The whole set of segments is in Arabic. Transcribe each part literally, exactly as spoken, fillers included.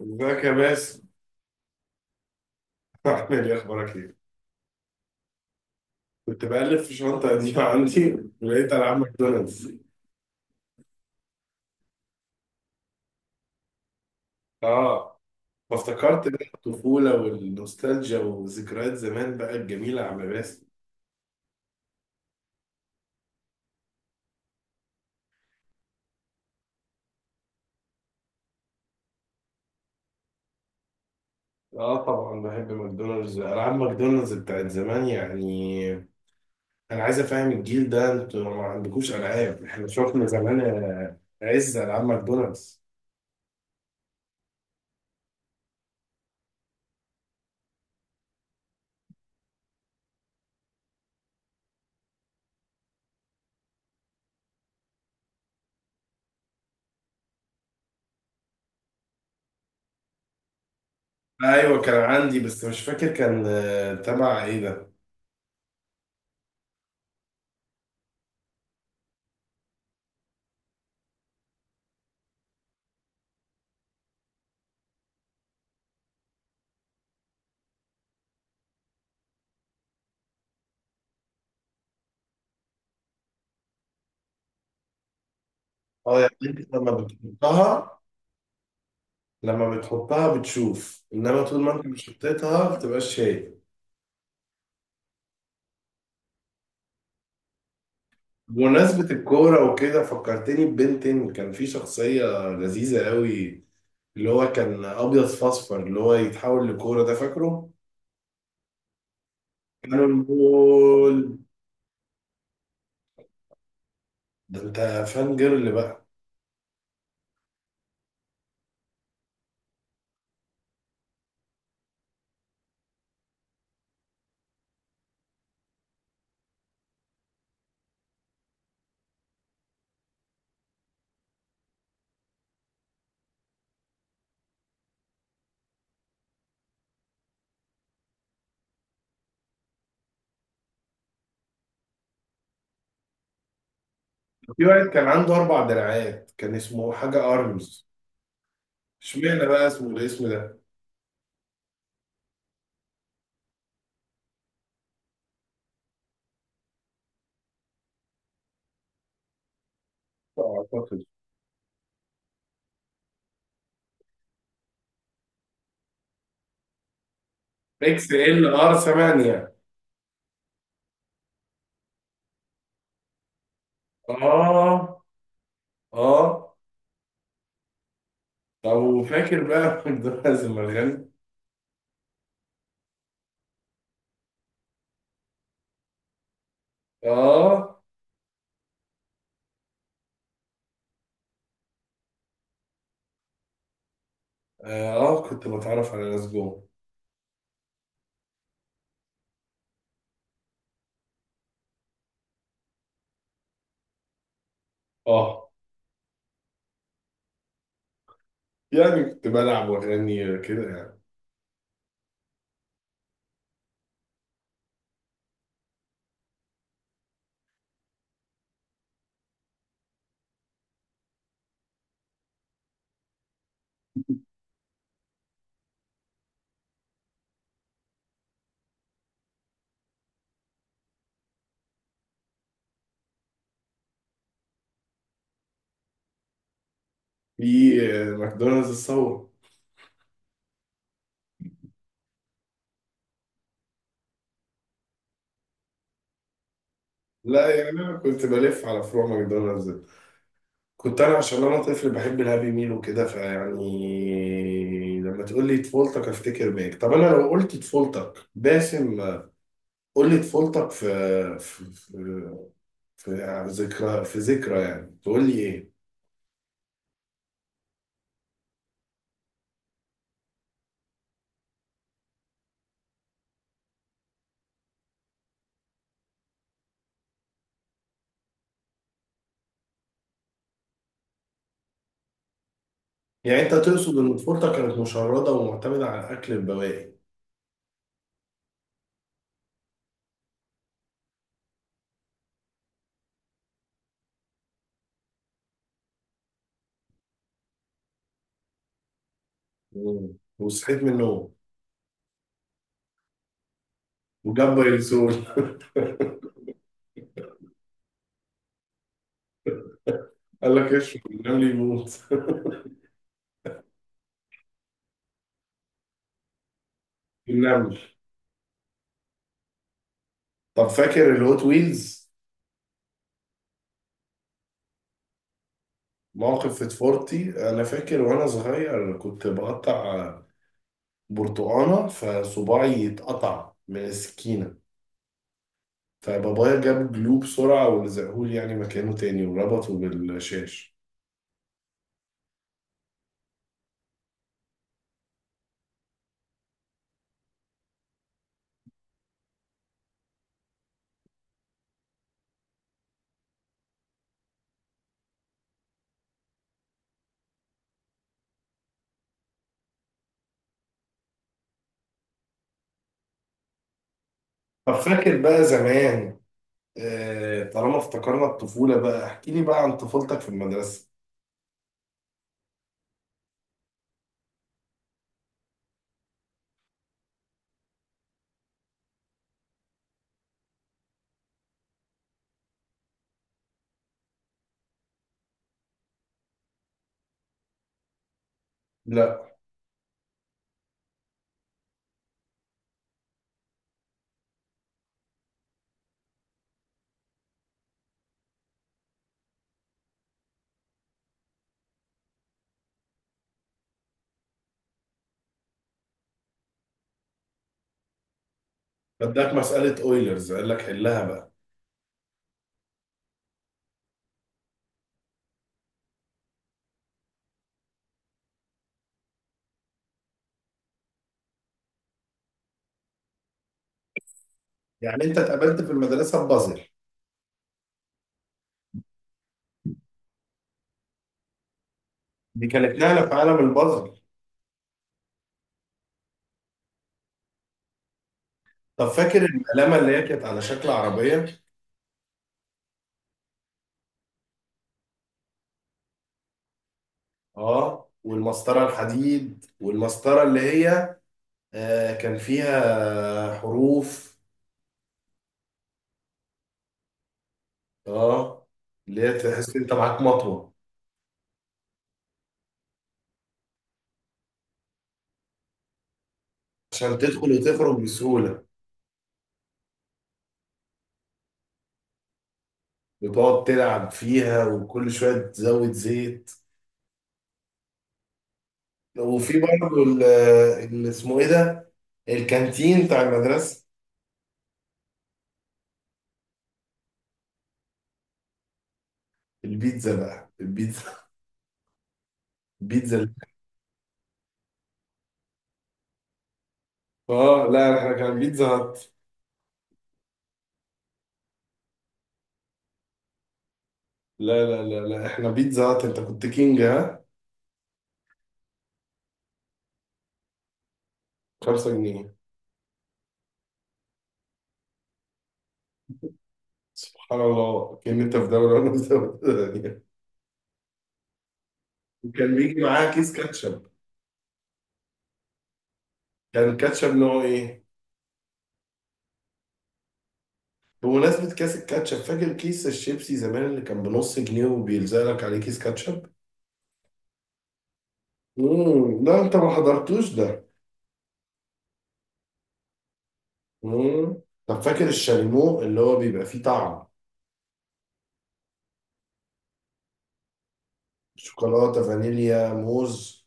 ازيك يا باسم؟ عامل ايه، اخبارك ايه؟ كنت بألف في شنطة قديمة عندي، لقيت ألعاب ماكدونالدز. اه، فافتكرت بقى الطفولة والنوستالجيا وذكريات زمان بقى الجميلة يا عم باسم. اه، طبعا بحب ماكدونالدز، ألعاب ماكدونالدز بتاعت زمان يعني. أنا عايز أفهم الجيل ده، انتوا ما عندكوش ألعاب، احنا شفنا زمان آه، عز ألعاب ماكدونالدز. ايوه، كان عندي بس مش فاكر كان آه، تبع ايه ده؟ اه، يعني انت لما بتحطها، لما بتحطها بتشوف، انما طول ما انت مش حطيتها ما بتبقاش شايف. بمناسبة الكورة وكده فكرتني ببنتين. كان في شخصية لذيذة قوي، اللي هو كان أبيض في أصفر، اللي هو يتحول لكورة، ده فاكره؟ كانون بول. ده أنت فان جيرل بقى. في واحد كان عنده أربع دراعات، كان اسمه حاجة أرمز. اشمعنى بقى اسمه الاسم ده؟ أعتقد إكس إل آر ثمانية. آه، آه. طب وفاكر بقى مقدونالدز المرغني؟ آه. آه، آه، كنت بتعرف على ناس جوه. آه يعني كنت بلعب وأغني كده يعني. في آه، ماكدونالدز الثورة. لا، يعني أنا كنت بلف على فروع ماكدونالدز. كنت أنا، عشان أنا طفل بحب الهابي ميل وكده، فيعني لما تقول لي طفولتك أفتكر بيك. طب أنا لو قلت طفولتك باسم، قول لي طفولتك في في في في ذكرى، في ذكرى، يعني تقول لي إيه؟ يعني أنت تقصد إن طفولتك كانت مشردة ومعتمدة على أكل البواقي؟ مم. وصحيت من النوم. وجاب دايلسون قال لك اشرب النمل يموت النمل. طب فاكر الهوت ويلز؟ موقف في فورتي، انا فاكر وانا صغير كنت بقطع برتقانه فصباعي اتقطع من السكينه، فبابايا جاب جلو بسرعه ولزقهولي يعني مكانه تاني وربطه بالشاش. طب فاكر بقى زمان، آه، طالما افتكرنا الطفوله بقى، احكي لي بقى عن طفولتك في المدرسه. لا. بدك مساله اويلرز قال لك حلها بقى. يعني انت اتقابلت في المدرسه ببازل. دي كانت نقله في عالم البازل. طب فاكر القلمه اللي هي كانت على شكل عربيه؟ اه، والمسطره الحديد، والمسطره اللي هي آه كان فيها حروف. اه، اللي هي تحس انت معاك مطوه، عشان تدخل وتخرج بسهوله. وتقعد تلعب فيها وكل شويه تزود زيت. وفي برضه ال- اللي اسمه ايه ده، الكانتين بتاع المدرسه. البيتزا بقى، البيتزا، البيتزا. اه، لا، احنا كان بيتزا هات. لا، لا، لا، لا، احنا بيتزا هات، انت كنت كينج. ها، خمسة جنيه. سبحان الله، كأن انت في دوري وانا في دوري تانية. وكان بيجي معاه كيس كاتشب. كان كاتشب نوع ايه؟ بمناسبة كيس الكاتشب، فاكر كيس الشيبسي زمان اللي كان بنص جنيه وبيلزق لك عليه كيس كاتشب؟ امم لا، انت ما حضرتوش ده. امم. طب فاكر الشاليمو اللي هو بيبقى فيه طعم؟ شوكولاتة، فانيليا، موز،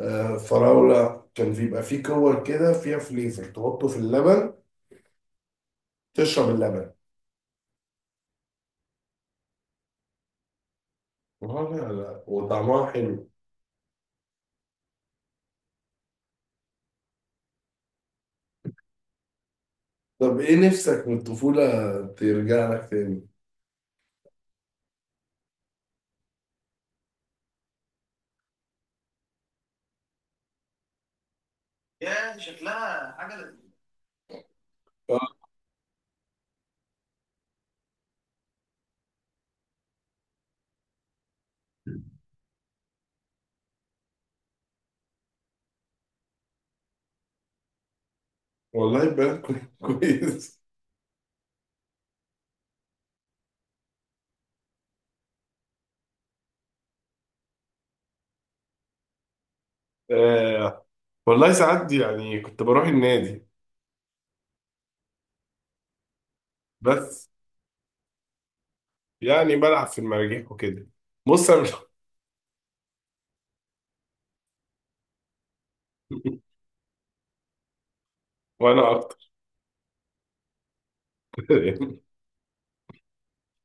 آه، فراولة. كان بيبقى فيه كور كده فيها فليفر تحطه في اللبن، تشرب اللبن. آه، لا، لا، وطعمها حلو. طب ايه نفسك من الطفولة ترجع لك تاني؟ آه، والله بلد كوي- كويس. آه، والله ساعات يعني كنت بروح النادي. بس، يعني بلعب في المراجيح وكده. بص، أنا مش- وانا اكتر